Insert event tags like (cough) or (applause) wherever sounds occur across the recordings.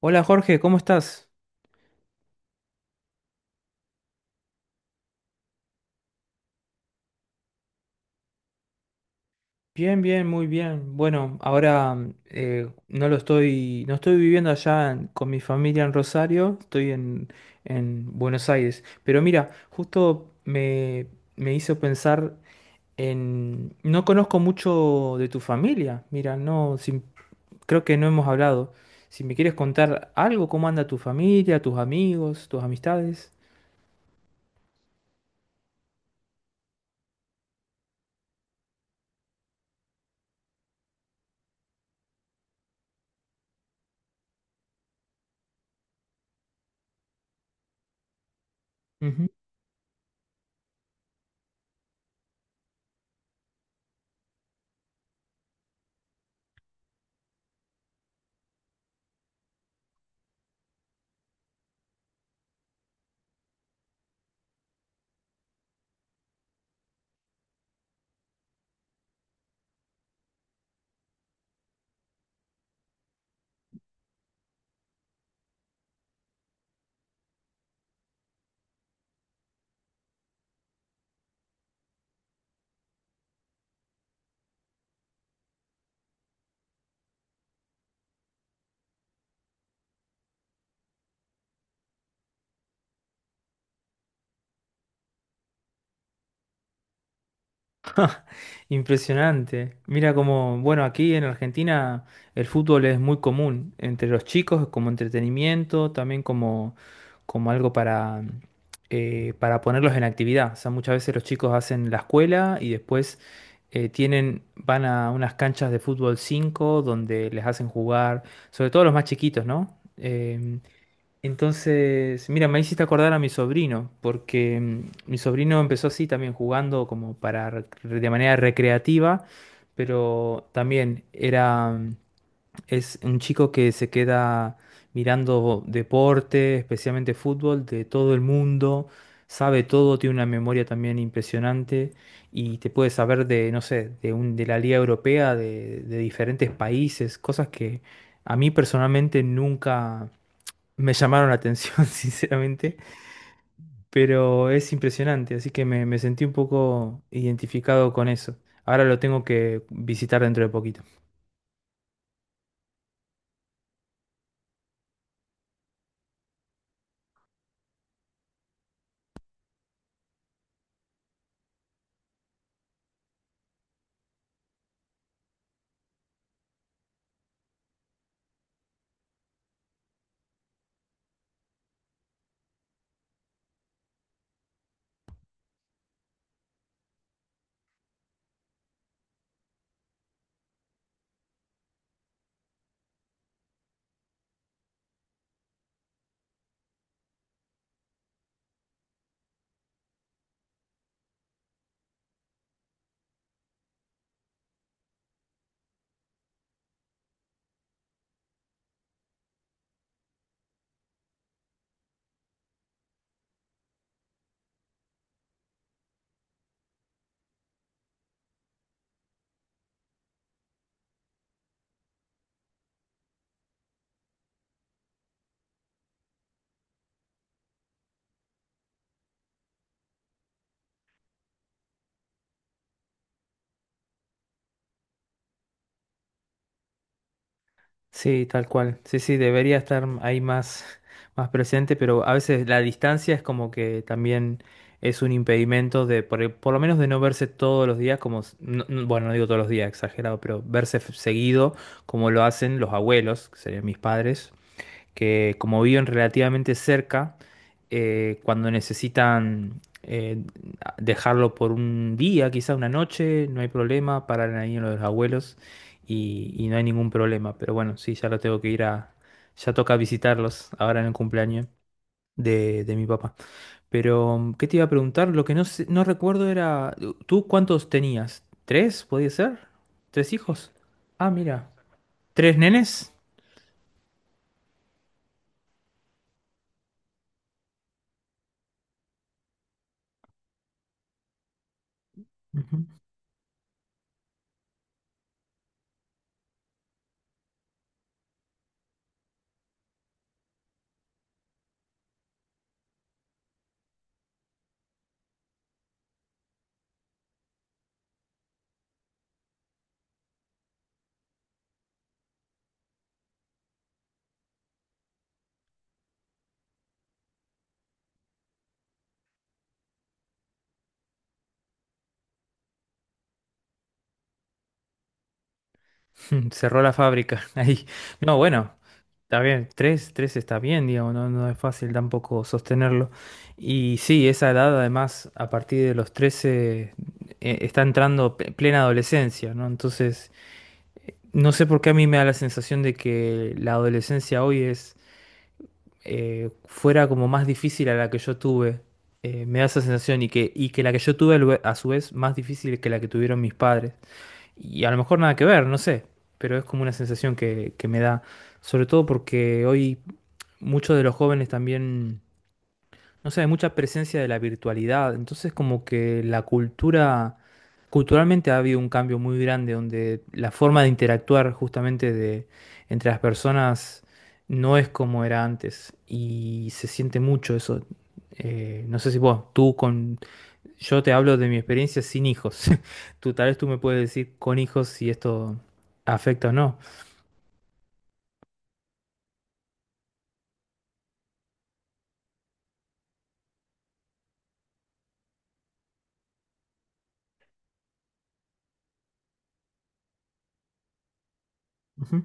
Hola Jorge, ¿cómo estás? Bien, bien, muy bien. Bueno, ahora no lo estoy, no estoy viviendo allá con mi familia en Rosario, estoy en Buenos Aires. Pero mira, me hizo pensar en... No conozco mucho de tu familia, mira, no, creo que no hemos hablado. Si me quieres contar algo, cómo anda tu familia, tus amigos, tus amistades. Ujú. (laughs) Impresionante. Mira como, bueno, aquí en Argentina el fútbol es muy común entre los chicos como entretenimiento, también como algo para ponerlos en actividad. O sea, muchas veces los chicos hacen la escuela y después van a unas canchas de fútbol 5 donde les hacen jugar, sobre todo los más chiquitos, ¿no? Entonces, mira, me hiciste acordar a mi sobrino, porque mi sobrino empezó así también jugando como para de manera recreativa, pero también es un chico que se queda mirando deporte, especialmente fútbol, de todo el mundo, sabe todo, tiene una memoria también impresionante y te puede saber de, no sé, de un de la Liga Europea, de diferentes países, cosas que a mí personalmente nunca me llamaron la atención, (laughs) sinceramente, pero es impresionante, así que me sentí un poco identificado con eso. Ahora lo tengo que visitar dentro de poquito. Sí, tal cual. Sí, sí, debería estar ahí más, (laughs) más presente, pero a veces la distancia es como que también es un impedimento de, por lo menos de no verse todos los días, como, bueno, no digo todos los días, exagerado, pero verse seguido como lo hacen los abuelos, que serían mis padres, que como viven relativamente cerca, cuando necesitan dejarlo por un día, quizás una noche, no hay problema, paran ahí en lo de los abuelos y no hay ningún problema. Pero bueno, sí, ya lo tengo que ir a, ya toca visitarlos ahora en el cumpleaños. De mi papá. Pero, ¿qué te iba a preguntar? Lo que no recuerdo era, ¿tú cuántos tenías? ¿Tres, podía ser? ¿Tres hijos? Ah, mira. ¿Tres nenes? Ujú. (laughs) Cerró la fábrica (laughs) ahí. No, bueno, está bien, tres, tres está bien, digamos, no, no es fácil tampoco sostenerlo. Y sí, esa edad además, a partir de los 13 está entrando plena adolescencia, ¿no? Entonces, no sé por qué a mí me da la sensación de que la adolescencia hoy es fuera como más difícil a la que yo tuve. Me da esa sensación y y que la que yo tuve a a su vez más difícil que la que tuvieron mis padres. Y a lo mejor nada que ver, no sé, pero es como una sensación que me da, sobre todo porque hoy muchos de los jóvenes también, no sé, hay mucha presencia de la virtualidad, entonces como que la cultura, culturalmente ha habido un cambio muy grande donde la forma de interactuar justamente de, entre las personas no es como era antes y se siente mucho eso. No sé si vos, tú con yo te hablo de mi experiencia sin hijos. (laughs) Tú tal vez tú me puedes decir con hijos si esto afecta o no. Ujú.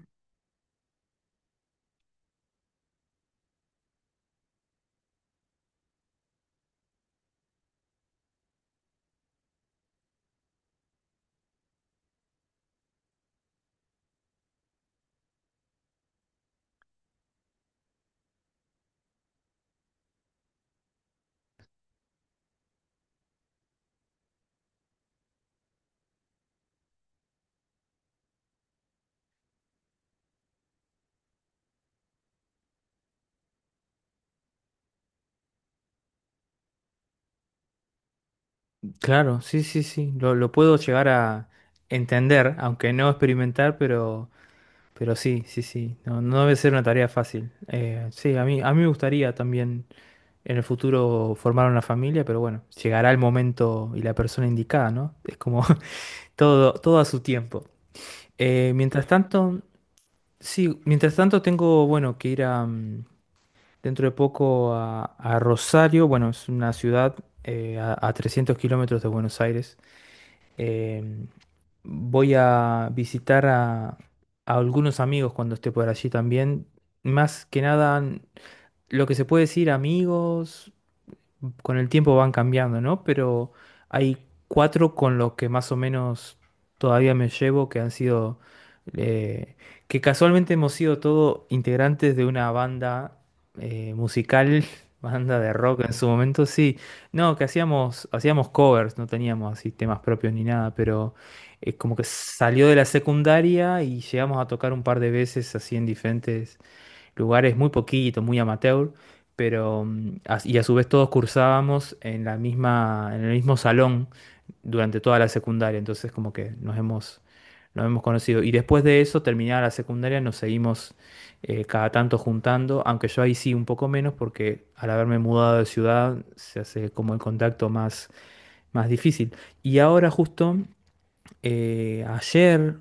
Claro, sí, sí, sí. Lo puedo llegar a entender, aunque no experimentar, pero sí, sí, sí. No, no debe ser una tarea fácil. Sí, a mí me gustaría también en el futuro formar una familia, pero bueno, llegará el momento y la persona indicada, ¿no? Es como (laughs) todo, todo a su tiempo. Mientras tanto, sí, mientras tanto tengo, bueno, que ir a, dentro de poco a Rosario. Bueno, es una ciudad a 300 kilómetros de Buenos Aires. Eh, voy a visitar a algunos amigos cuando esté por allí también. Más que nada, lo que se puede decir amigos, con el tiempo van cambiando, ¿no? Pero hay cuatro con los que más o menos todavía me llevo, que han sido, eh, que casualmente hemos sido todos integrantes de una banda musical, (laughs) banda de rock en su momento, sí. No, que hacíamos covers, no teníamos así temas propios ni nada, pero como que salió de la secundaria y llegamos a tocar un par de veces así en diferentes lugares muy poquitos, muy amateur, pero y a su vez todos cursábamos en la en el mismo salón durante toda la secundaria, entonces como que nos hemos conocido. Y después de eso, terminada la secundaria, nos seguimos cada tanto juntando, aunque yo ahí sí un poco menos, porque al haberme mudado de ciudad se hace como el contacto más difícil. Y ahora justo ayer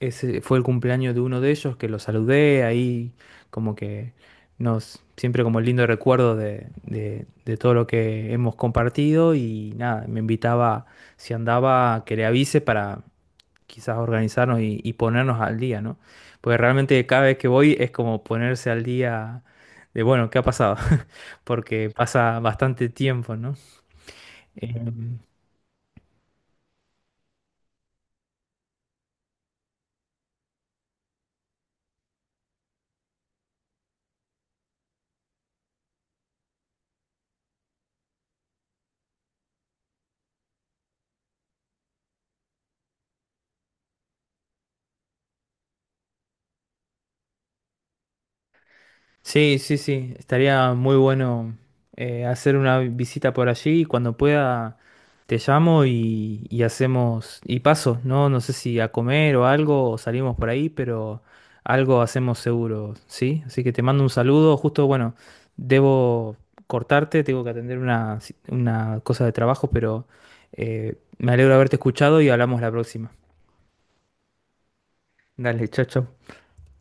ese fue el cumpleaños de uno de ellos que lo saludé ahí, como que nos, siempre como lindo recuerdo de, de todo lo que hemos compartido y nada, me invitaba, si andaba, que le avise para quizás organizarnos y ponernos al día, ¿no? Porque realmente cada vez que voy es como ponerse al día de, bueno, ¿qué ha pasado? (laughs) Porque pasa bastante tiempo, ¿no? Eh, sí, sí, sí, estaría muy bueno hacer una visita por allí y cuando pueda te llamo y hacemos, y paso, ¿no? No sé si a comer o algo, o salimos por ahí, pero algo hacemos seguro, ¿sí? Así que te mando un saludo, justo, bueno, debo cortarte, tengo que atender una cosa de trabajo, pero me alegro de haberte escuchado y hablamos la próxima. Dale, chao, chao.